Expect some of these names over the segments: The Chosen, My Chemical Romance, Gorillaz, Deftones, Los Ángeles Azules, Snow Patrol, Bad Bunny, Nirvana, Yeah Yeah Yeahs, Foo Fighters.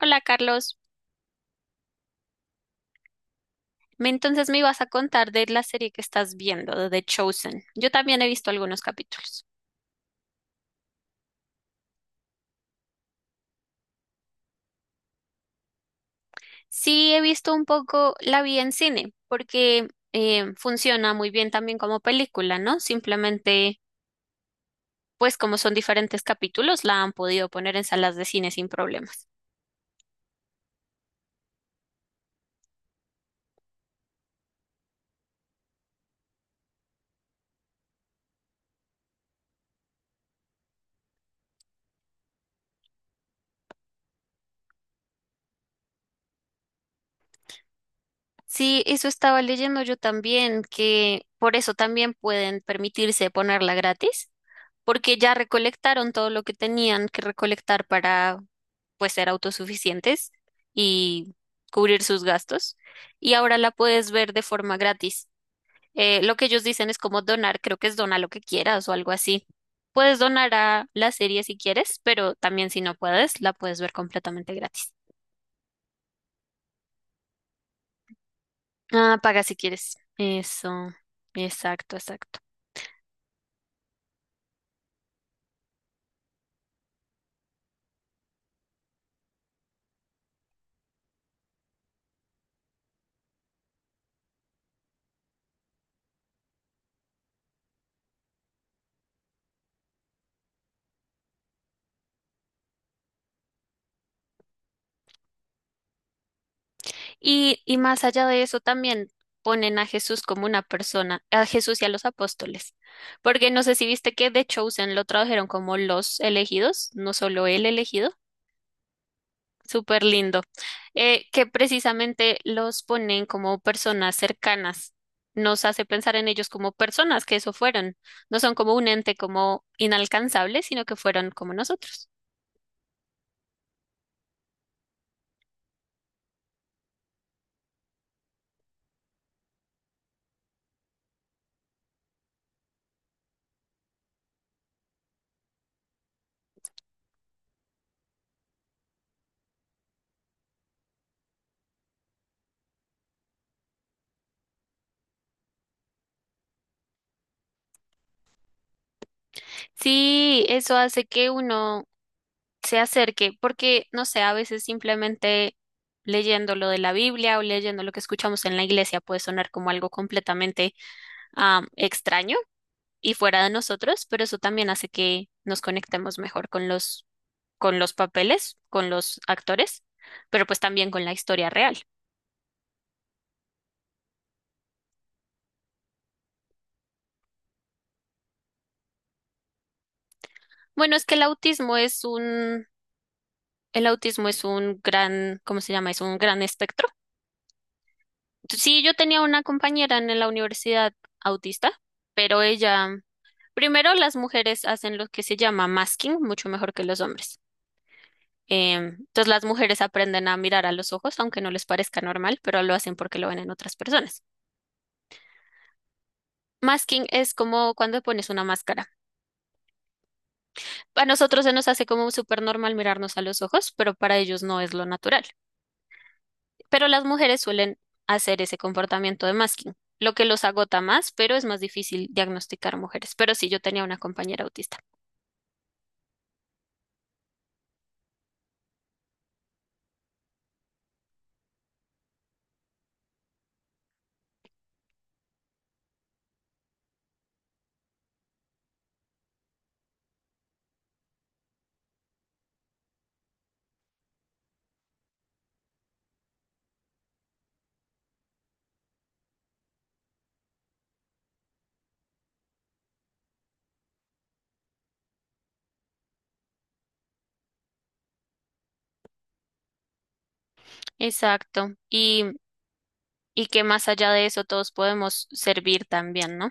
Hola Carlos. Entonces me ibas a contar de la serie que estás viendo, de The Chosen. Yo también he visto algunos capítulos. Sí, he visto un poco, la vi en cine, porque funciona muy bien también como película, ¿no? Simplemente, pues como son diferentes capítulos, la han podido poner en salas de cine sin problemas. Sí, eso estaba leyendo yo también, que por eso también pueden permitirse ponerla gratis, porque ya recolectaron todo lo que tenían que recolectar para pues ser autosuficientes y cubrir sus gastos. Y ahora la puedes ver de forma gratis. Lo que ellos dicen es como donar, creo que es dona lo que quieras o algo así. Puedes donar a la serie si quieres, pero también si no puedes, la puedes ver completamente gratis. Ah, paga si quieres. Eso, exacto, exacto. Y más allá de eso, también ponen a Jesús como una persona, a Jesús y a los apóstoles. Porque no sé si viste que The Chosen lo tradujeron como los elegidos, no solo el elegido. Súper lindo. Que precisamente los ponen como personas cercanas. Nos hace pensar en ellos como personas que eso fueron. No son como un ente como inalcanzable, sino que fueron como nosotros. Sí, eso hace que uno se acerque, porque no sé, a veces simplemente leyendo lo de la Biblia o leyendo lo que escuchamos en la iglesia puede sonar como algo completamente extraño y fuera de nosotros, pero eso también hace que nos conectemos mejor con con los papeles, con los actores, pero pues también con la historia real. Bueno, es que el autismo es un gran, ¿cómo se llama? Es un gran espectro. Sí, yo tenía una compañera en la universidad autista, pero ella, primero las mujeres hacen lo que se llama masking mucho mejor que los hombres. Entonces las mujeres aprenden a mirar a los ojos, aunque no les parezca normal, pero lo hacen porque lo ven en otras personas. Masking es como cuando pones una máscara. A nosotros se nos hace como súper normal mirarnos a los ojos, pero para ellos no es lo natural. Pero las mujeres suelen hacer ese comportamiento de masking, lo que los agota más, pero es más difícil diagnosticar mujeres. Pero sí, yo tenía una compañera autista. Exacto. Y que más allá de eso todos podemos servir también, ¿no?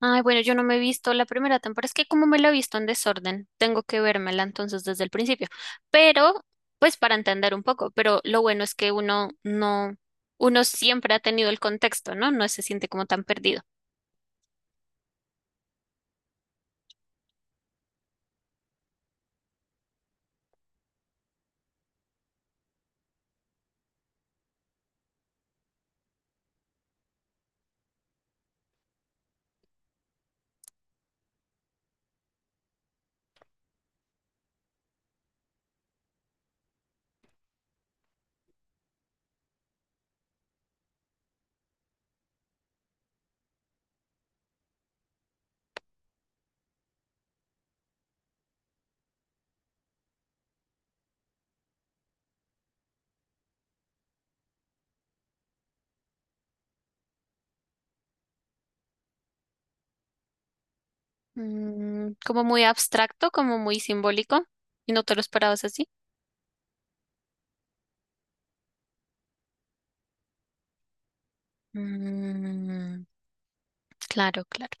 Ay, bueno, yo no me he visto la primera temporada. Es que como me la he visto en desorden, tengo que vérmela entonces desde el principio. Pero, pues para entender un poco, pero lo bueno es que uno no, uno siempre ha tenido el contexto, ¿no? No se siente como tan perdido. Mm, como muy abstracto, como muy simbólico, y no te lo esperabas así. Mm, claro, claro.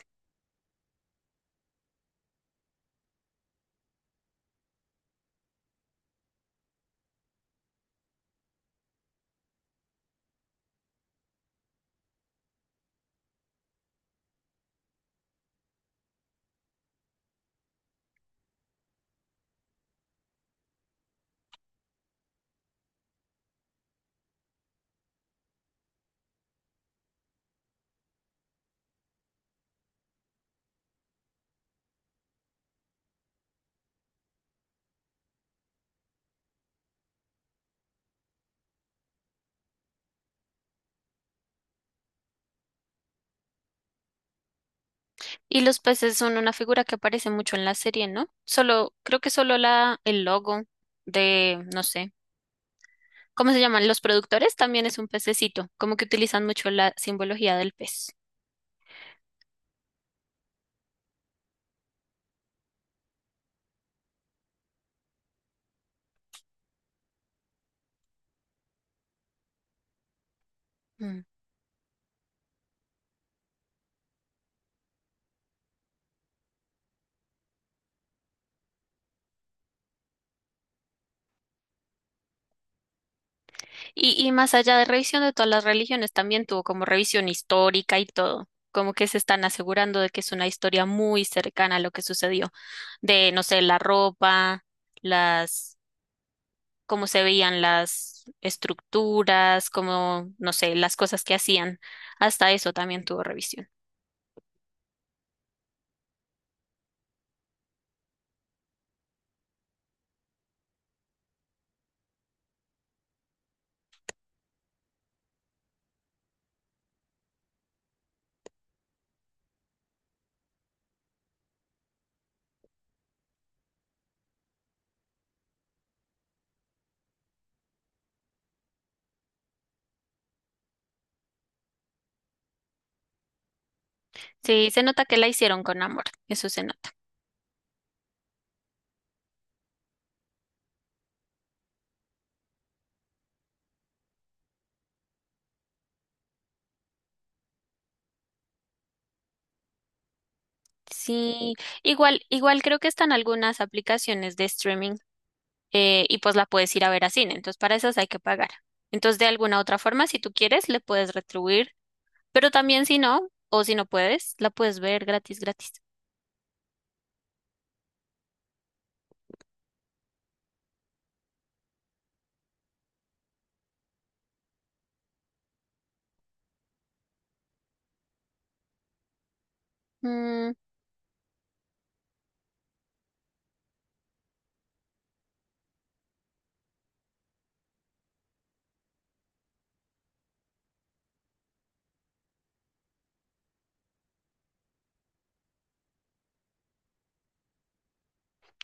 Y los peces son una figura que aparece mucho en la serie, ¿no? Solo, creo que solo el logo de, no sé, ¿cómo se llaman? Los productores también es un pececito, como que utilizan mucho la simbología del pez. Y más allá de revisión de todas las religiones, también tuvo como revisión histórica y todo, como que se están asegurando de que es una historia muy cercana a lo que sucedió, de, no sé, la ropa, las, cómo se veían las estructuras, cómo, no sé, las cosas que hacían, hasta eso también tuvo revisión. Sí, se nota que la hicieron con amor, eso se nota. Sí, igual, igual creo que están algunas aplicaciones de streaming y pues la puedes ir a ver a cine. Entonces, para esas hay que pagar. Entonces, de alguna otra forma, si tú quieres, le puedes retribuir, pero también si no, o si no puedes, la puedes ver gratis, gratis. Mm.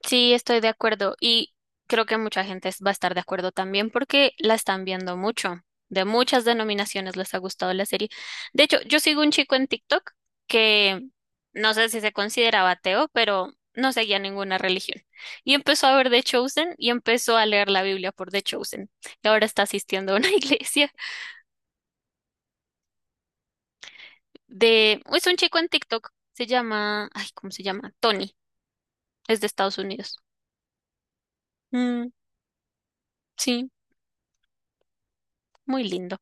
Sí, estoy de acuerdo y creo que mucha gente va a estar de acuerdo también porque la están viendo mucho. De muchas denominaciones les ha gustado la serie. De hecho, yo sigo un chico en TikTok que no sé si se consideraba ateo, pero no seguía ninguna religión. Y empezó a ver The Chosen y empezó a leer la Biblia por The Chosen. Y ahora está asistiendo a una iglesia de... Es un chico en TikTok. Se llama... Ay, ¿cómo se llama? Tony. Es de Estados Unidos. Mm, sí, muy lindo.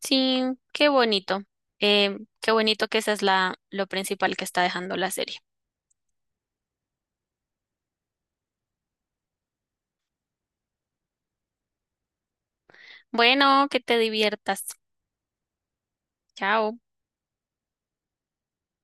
Sí, qué bonito. Qué bonito que esa es lo principal que está dejando la serie. Bueno, que te diviertas. Chao.